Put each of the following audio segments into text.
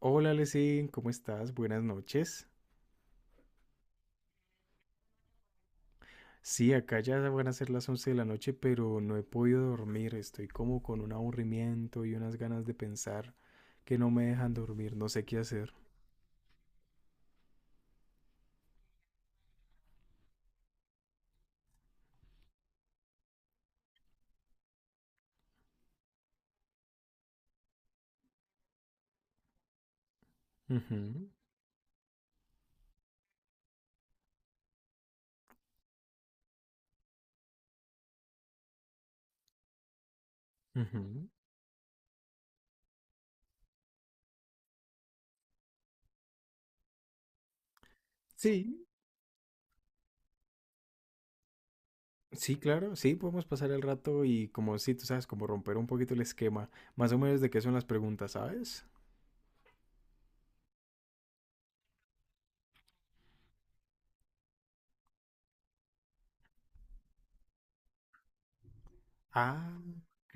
Hola, Lesin, ¿cómo estás? Buenas noches. Sí, acá ya van a ser las 11 de la noche, pero no he podido dormir. Estoy como con un aburrimiento y unas ganas de pensar que no me dejan dormir. No sé qué hacer. Ujú, ujú. Sí, sí, claro. Sí, podemos pasar el rato y como sí, tú sabes, como romper un poquito el esquema. Más o menos de qué son las preguntas, ¿sabes? Ah, ok.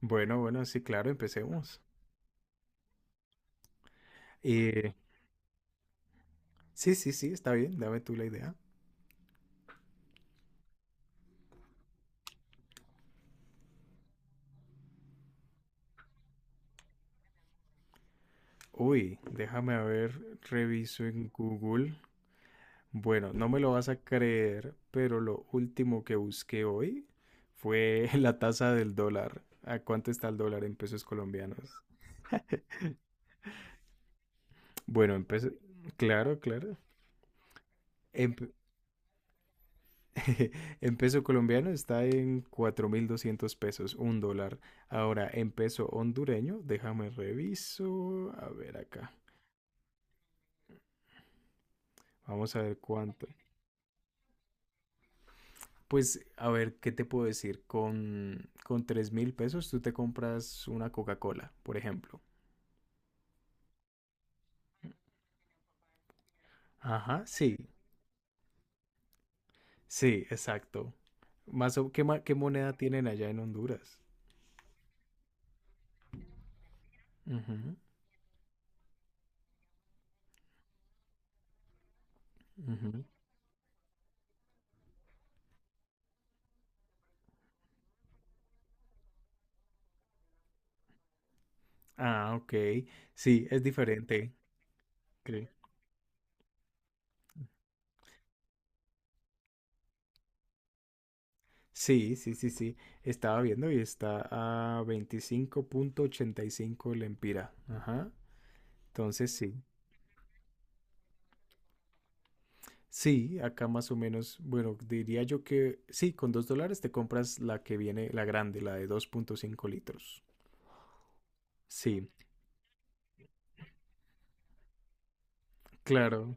Bueno, bueno, sí, claro, empecemos. Eh, sí, sí, sí, está bien. Dame tú la idea. Uy, déjame a ver, reviso en Google. Bueno, no me lo vas a creer, pero lo último que busqué hoy fue la tasa del dólar. ¿A cuánto está el dólar en pesos colombianos? Bueno, claro, claro. En, pe- en peso colombiano está en 4.200 pesos, un dólar. Ahora, en peso hondureño, déjame reviso. A ver acá. Vamos a ver cuánto. Pues, a ver, ¿qué te puedo decir? Con 3.000 pesos tú te compras una Coca-Cola, por ejemplo. Ajá, sí, sí, exacto. Más o, ¿qué, ma- ¿Qué moneda tienen allá en Honduras? Ujú, ujú. Ah, ok. Sí, es diferente. Creo. Sí, sí, sí, sí. Estaba viendo y está a 25,85 lempira. Ajá. Entonces sí. Sí, acá más o menos, bueno, diría yo que sí, con 2 dólares te compras la que viene, la grande, la de 2,5 litros. Sí, claro.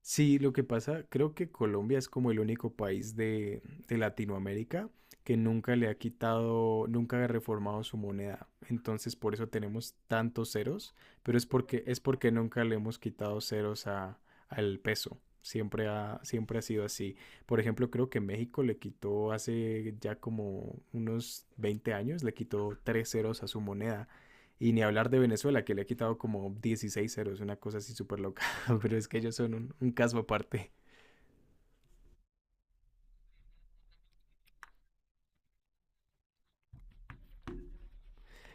Sí, lo que pasa, creo que Colombia es como el único país de Latinoamérica que nunca le ha quitado, nunca ha reformado su moneda. Entonces, por eso tenemos tantos ceros, pero es porque nunca le hemos quitado ceros al peso. Siempre ha sido así. Por ejemplo, creo que México le quitó hace ya como unos 20 años, le quitó tres ceros a su moneda. Y ni hablar de Venezuela, que le ha quitado como 16 ceros, una cosa así súper loca. Pero es que ellos son un caso aparte.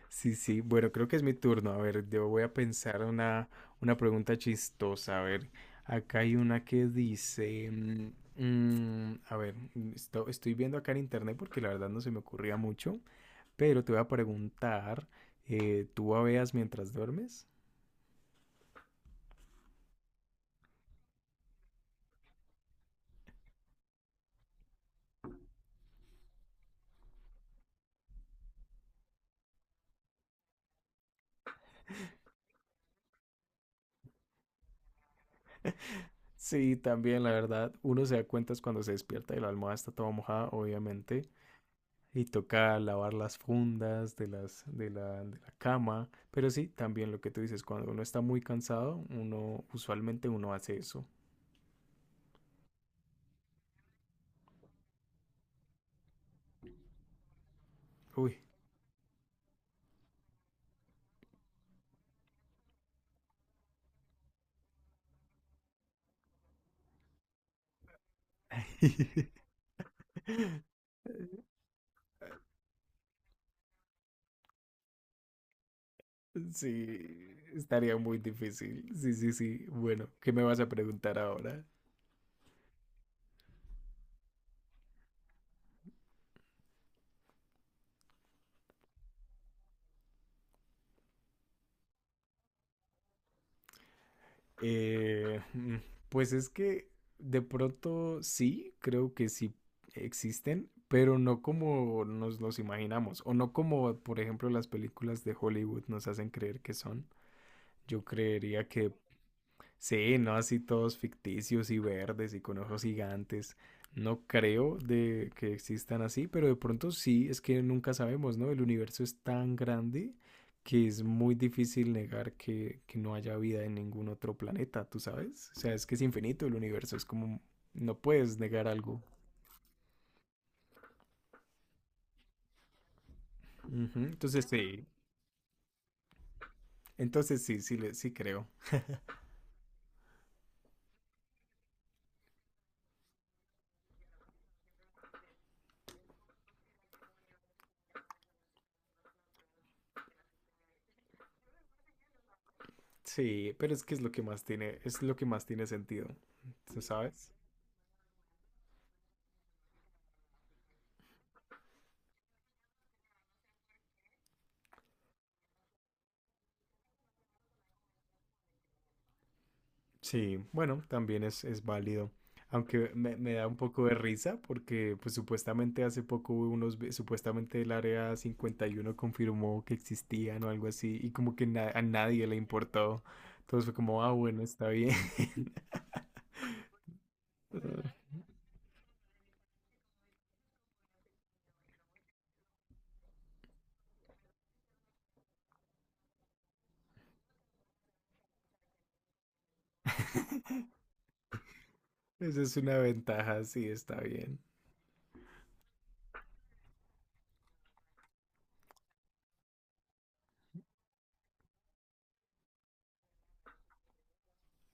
Sí, sí. Bueno, creo que es mi turno. A ver, yo voy a pensar una pregunta chistosa. A ver, acá hay una que dice, a ver, estoy viendo acá en internet porque la verdad no se me ocurría mucho. Pero te voy a preguntar, ¿tú babeas mientras duermes? Sí, también la verdad. Uno se da cuenta es cuando se despierta y la almohada está toda mojada, obviamente. Y toca lavar las fundas de la cama. Pero sí, también lo que tú dices, cuando uno está muy cansado, uno usualmente uno hace eso. Uy. Sí, estaría muy difícil. Sí, sí, sí. Bueno, ¿qué me vas a preguntar ahora? Eh, mm, pues es que de pronto sí, creo que sí existen, pero no como nos los imaginamos, o no como, por ejemplo, las películas de Hollywood nos hacen creer que son. Yo creería que sí, ¿no? Así todos ficticios y verdes y con ojos gigantes. No creo de que existan así, pero de pronto sí, es que nunca sabemos, ¿no? El universo es tan grande que es muy difícil negar que no haya vida en ningún otro planeta, ¿tú sabes? O sea, es que es infinito el universo, es como, no puedes negar algo. Ujú. Entonces sí, sí creo. Sí, pero es que es lo que más tiene sentido, ¿tú sabes? Sí, bueno, también es válido. Aunque me da un poco de risa porque pues supuestamente hace poco hubo unos, supuestamente el Área 51 confirmó que existían o algo así y como que a nadie le importó. Entonces fue como, ah, bueno, está bien. Esa es una ventaja, sí, está bien.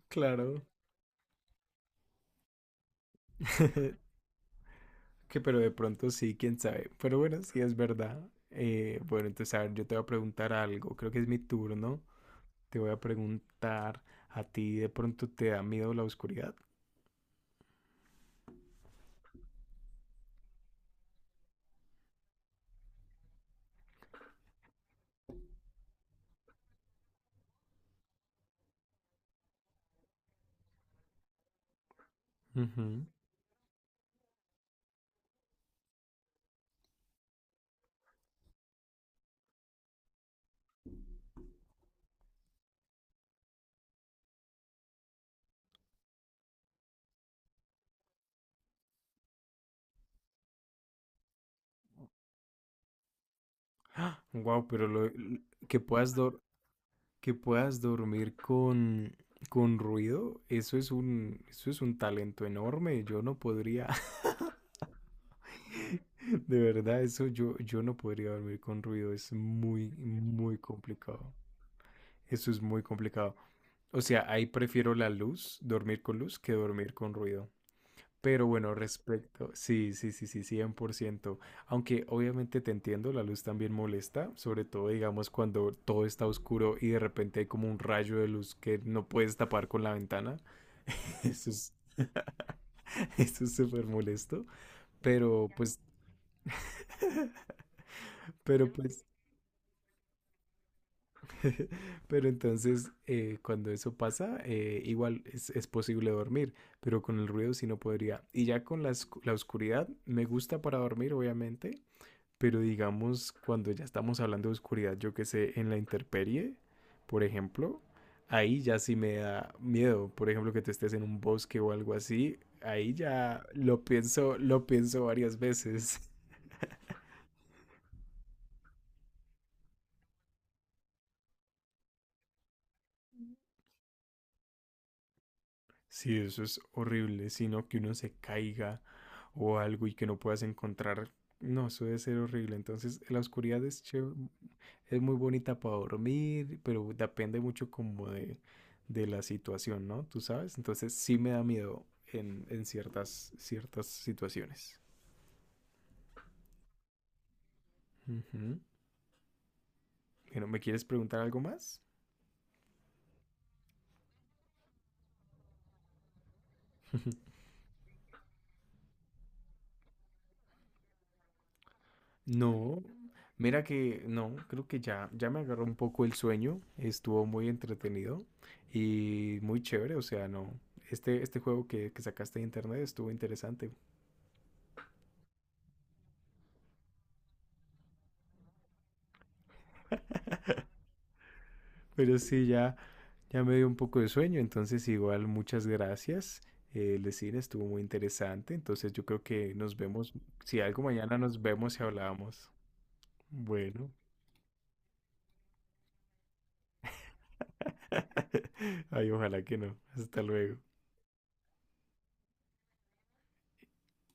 Claro. Que pero de pronto sí, quién sabe. Pero bueno, sí es verdad. Bueno, entonces a ver, yo te voy a preguntar algo. Creo que es mi turno. Te voy a preguntar, ¿a ti de pronto te da miedo la oscuridad? Ujú. Wow, pero lo, l- que puedas dor- que puedas dormir con ruido, eso es un talento enorme. Yo no podría, de verdad, eso yo no podría dormir con ruido. Es muy muy complicado. Eso es muy complicado. O sea, ahí prefiero la luz, dormir con luz, que dormir con ruido. Pero bueno, respecto, sí, sí, sí, sí, 100%. Aunque obviamente te entiendo, la luz también molesta, sobre todo digamos cuando todo está oscuro y de repente hay como un rayo de luz que no puedes tapar con la ventana. Eso es, Eso es súper molesto. Pero pues, pero pues, pero entonces cuando eso pasa, igual es posible dormir, pero con el ruido sí no podría. Y ya con la oscuridad, me gusta para dormir, obviamente. Pero digamos, cuando ya estamos hablando de oscuridad, yo que sé, en la intemperie, por ejemplo, ahí ya sí me da miedo. Por ejemplo, que te estés en un bosque o algo así, ahí ya lo pienso varias veces. Sí, eso es horrible, sino que uno se caiga o algo y que no puedas encontrar. No, eso debe ser horrible. Entonces, la oscuridad es chévere. Es muy bonita para dormir, pero depende mucho como de la situación, ¿no? Tú sabes, entonces sí me da miedo en ciertas situaciones. Ujú. Bueno, ¿me quieres preguntar algo más? No, mira que no, creo que ya me agarró un poco el sueño, estuvo muy entretenido y muy chévere, o sea, no, este juego que sacaste de internet estuvo interesante, pero sí, Ya, me dio un poco de sueño, entonces igual muchas gracias. El cine estuvo muy interesante, entonces yo creo que nos vemos, si algo mañana nos vemos y hablamos. Bueno, ay, ojalá que no. Hasta luego.